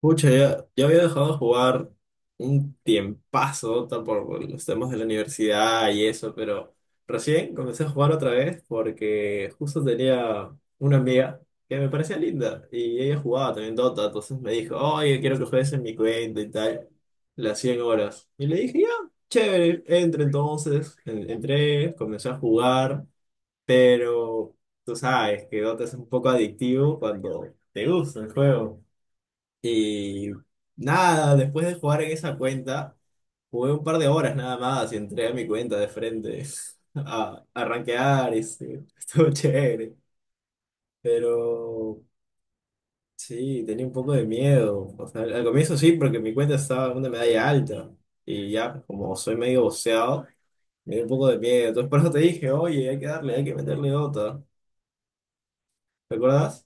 Pucha, ya, ya había dejado de jugar un tiempazo por los temas de la universidad y eso, pero recién comencé a jugar otra vez porque justo tenía una amiga que me parecía linda y ella jugaba también Dota. Entonces me dijo, oye, quiero que juegues en mi cuenta y tal, las 100 horas. Y le dije, ya, chévere, entré, comencé a jugar, pero tú sabes que Dota es un poco adictivo cuando te gusta el juego. Y nada, después de jugar en esa cuenta, jugué un par de horas nada más y entré a mi cuenta de frente a rankear. Estuvo chévere. Pero sí, tenía un poco de miedo. O sea, al comienzo sí, porque mi cuenta estaba en una medalla alta. Y ya, como soy medio boceado, me dio un poco de miedo. Entonces por eso te dije, oye, hay que darle, hay que meterle otra. ¿Recuerdas?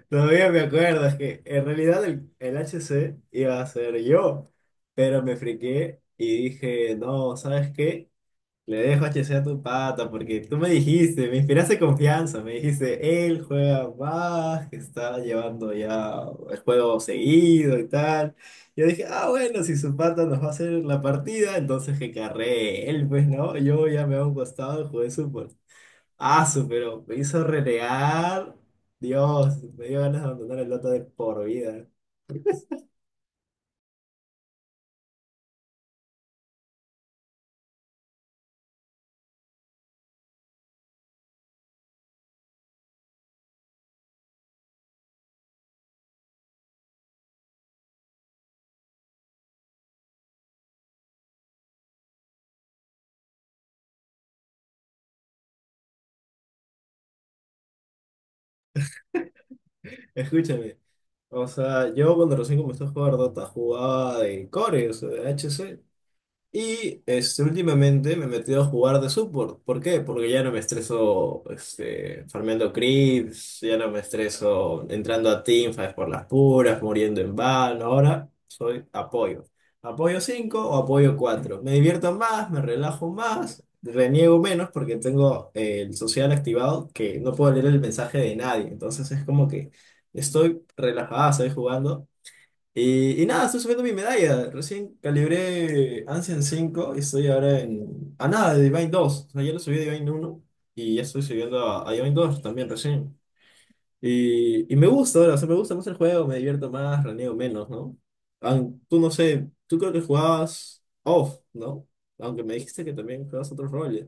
Todavía me acuerdo, es que en realidad el H C iba a ser yo, pero me friqué y dije, no, ¿sabes qué? Le dejo H C a tu pata porque tú me dijiste, me inspiraste confianza, me dijiste, él juega más, que está llevando ya el juego seguido y tal. Yo dije, ah, bueno, si su pata nos va a hacer la partida, entonces que carree él, pues no, yo ya me hago un costado, jugué su Ah, su, pero me hizo renegar. Dios, me dio ganas de abandonar el Dota de por vida. Escúchame. O sea, yo cuando recién comencé a jugar Dota jugaba de Core, o sea, de HC. Y últimamente me he metido a jugar de support. ¿Por qué? Porque ya no me estreso farmeando creeps, ya no me estreso entrando a teamfights por las puras, muriendo en vano. Ahora soy apoyo. Apoyo 5 o apoyo cuatro. Me divierto más, me relajo más, reniego menos porque tengo el social activado que no puedo leer el mensaje de nadie. Entonces es como que estoy relajada, estoy jugando. Y nada, estoy subiendo mi medalla. Recién calibré Ancient 5 y estoy ahora en, a nada de Divine dos. O sea, ya lo subí a Divine uno y ya estoy subiendo a Divine 2 también recién. Y me gusta ahora, o sea, me gusta más el juego, me divierto más, raneo menos, ¿no? Tú no sé, tú creo que jugabas off, ¿no? Aunque me dijiste que también jugabas otros roles.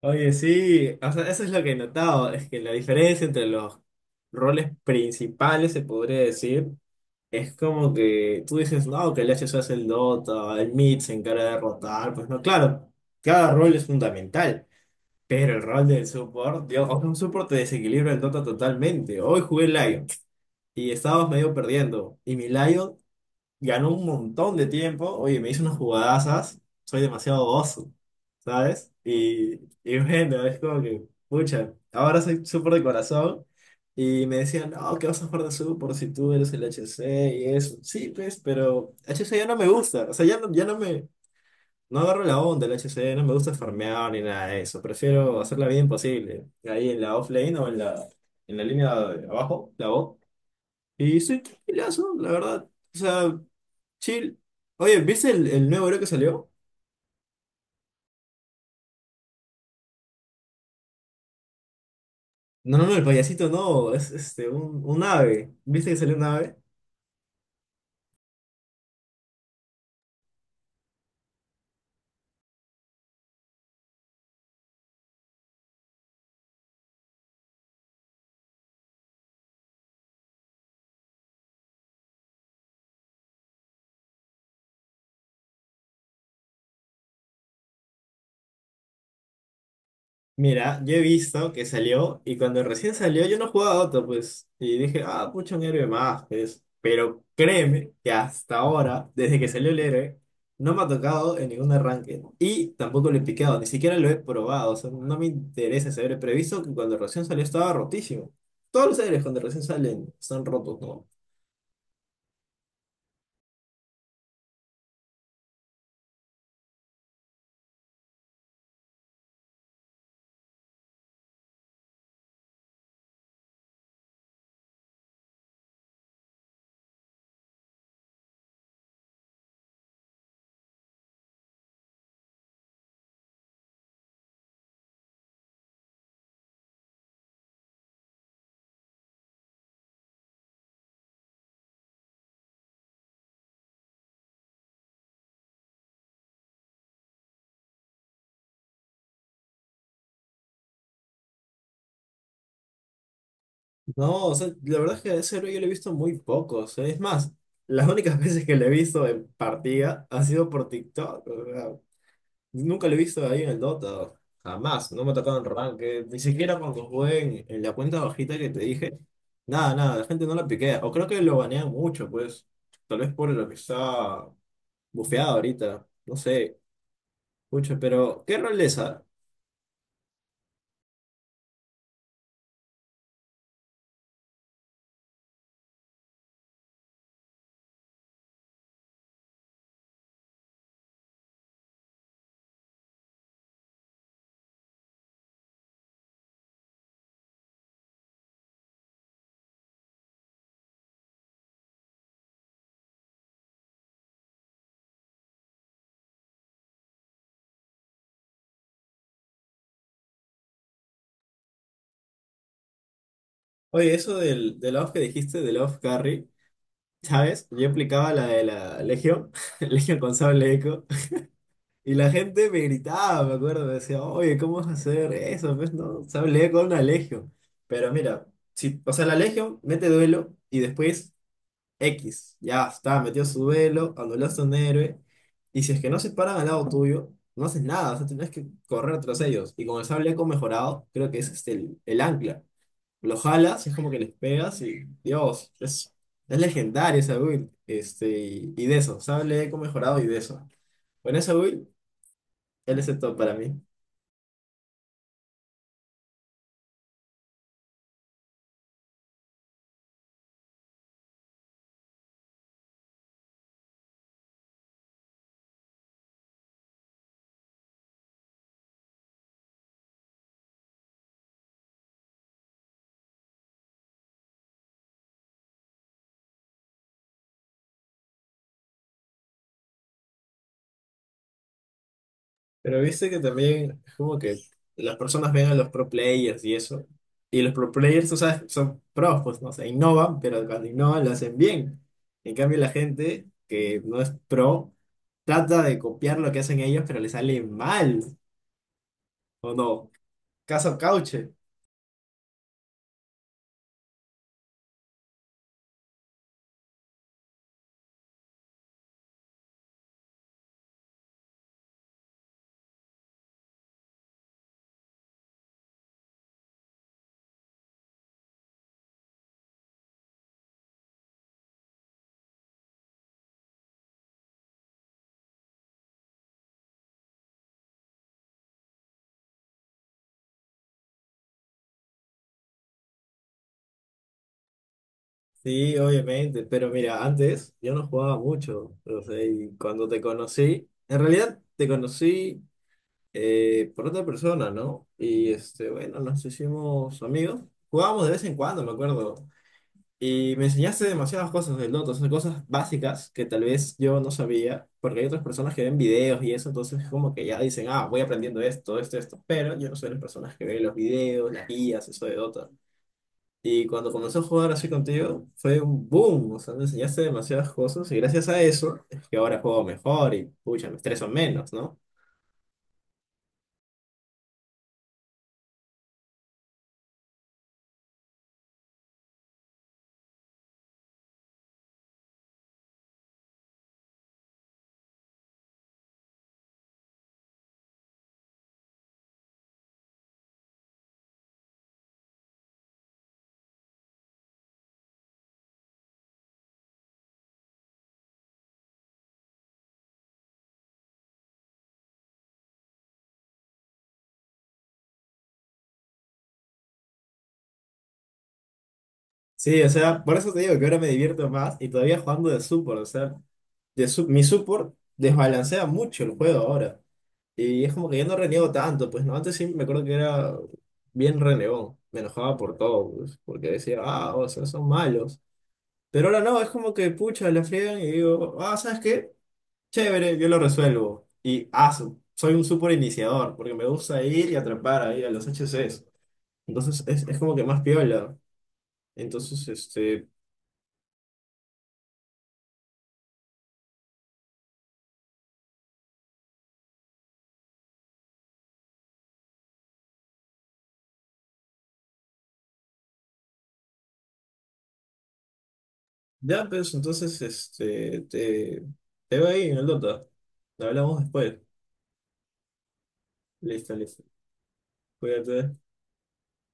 Oye, sí, o sea, eso es lo que he notado, es que la diferencia entre los roles principales, se podría decir, es como que tú dices, no, que el HSO hace el Dota, el mid se encarga de rotar, pues no, claro, cada rol es fundamental, pero el rol del support, Dios, o sea, un support te desequilibra el Dota totalmente. Hoy jugué Lion y estábamos medio perdiendo, y mi Lion ganó un montón de tiempo. Oye, me hizo unas jugadazas. Soy demasiado oso, ¿sabes? Y bueno, es como que, pucha, ahora soy súper de corazón. Y me decían, no, que vas a jugar de súper si tú eres el HC y eso. Sí, pues, pero HC ya no me gusta. O sea, ya no, ya no me. No agarro la onda del HC, no me gusta farmear ni nada de eso. Prefiero hacer la vida imposible. Ahí en la offlane o en la línea de abajo, la bot. Y estoy tranquilazo, la verdad. O sea. Chill. Oye, ¿viste el nuevo héroe que salió? No, no, no, el payasito no, es un ave. ¿Viste que salió un ave? Mira, yo he visto que salió y cuando recién salió yo no jugaba a Otto, pues. Y dije, ah, pucha, un héroe más, pues. Pero créeme que hasta ahora, desde que salió el héroe, no me ha tocado en ningún arranque. ¿No? Y tampoco lo he picado, ni siquiera lo he probado. O sea, no me interesa ese héroe, pero he visto que cuando recién salió estaba rotísimo. Todos los héroes cuando recién salen están rotos, ¿no? No, o sea, la verdad es que a ese héroe yo le he visto muy poco. O sea, es más, las únicas veces que le he visto en partida ha sido por TikTok. O sea, nunca lo he visto ahí en el Dota. Jamás. No me ha tocado en Ranked. Ni siquiera cuando jugué en la cuenta bajita que te dije. Nada, nada, la gente no la piquea. O creo que lo banean mucho, pues. Tal vez por lo que está bufeado ahorita. No sé. Mucho, pero ¿qué rol es esa? Oye, eso del off que dijiste, del off carry. ¿Sabes? Yo aplicaba la de la Legión, Legión con sable eco, y la gente me gritaba, me acuerdo, me decía, oye, ¿cómo vas a hacer eso? Pues no, sable eco, una Legión. Pero mira, si, o sea, la Legión mete duelo y después X, ya está, metió su duelo, anulaste a un héroe, y si es que no se paran al lado tuyo, no haces nada, o sea, tienes que correr tras ellos. Y con el sable eco mejorado, creo que es el ancla lo jalas, es como que les pegas y, Dios, es legendario esa build. Y de eso, ¿sabes? Eco mejorado y de eso. Con esa build, él es el top para mí. Pero viste que también es como que las personas ven a los pro players y eso. Y los pro players, tú sabes, son pros, pues no sé, innovan, pero cuando innovan lo hacen bien. En cambio, la gente que no es pro trata de copiar lo que hacen ellos, pero le sale mal, ¿o no? Caso Cauche. Sí, obviamente, pero mira, antes yo no jugaba mucho, o sea, y cuando te conocí, en realidad te conocí por otra persona, ¿no? Y bueno, nos hicimos amigos, jugábamos de vez en cuando, me acuerdo, y me enseñaste demasiadas cosas del Dota, o sea, cosas básicas que tal vez yo no sabía, porque hay otras personas que ven videos y eso, entonces como que ya dicen, ah, voy aprendiendo esto, esto, esto, pero yo no soy de las personas que ven los videos, las guías, eso de Dota. Y cuando comenzó a jugar así contigo, fue un boom. O sea, me enseñaste demasiadas cosas y gracias a eso es que ahora juego mejor y, pucha, me estreso menos, ¿no? Sí, o sea, por eso te digo que ahora me divierto más y todavía jugando de support, o sea, mi support desbalancea mucho el juego ahora. Y es como que ya no reniego tanto, pues no, antes sí me acuerdo que era bien renegón, me enojaba por todo, pues, porque decía, ah, o sea, son malos. Pero ahora no, es como que pucha, la friegan y digo, ah, ¿sabes qué? Chévere, yo lo resuelvo. Y soy un super iniciador, porque me gusta ir y atrapar ahí a los HCs. Entonces es como que más piola. Entonces, ya, pues entonces te va ahí en el Dota. Hablamos después. Listo, listo. Cuídate.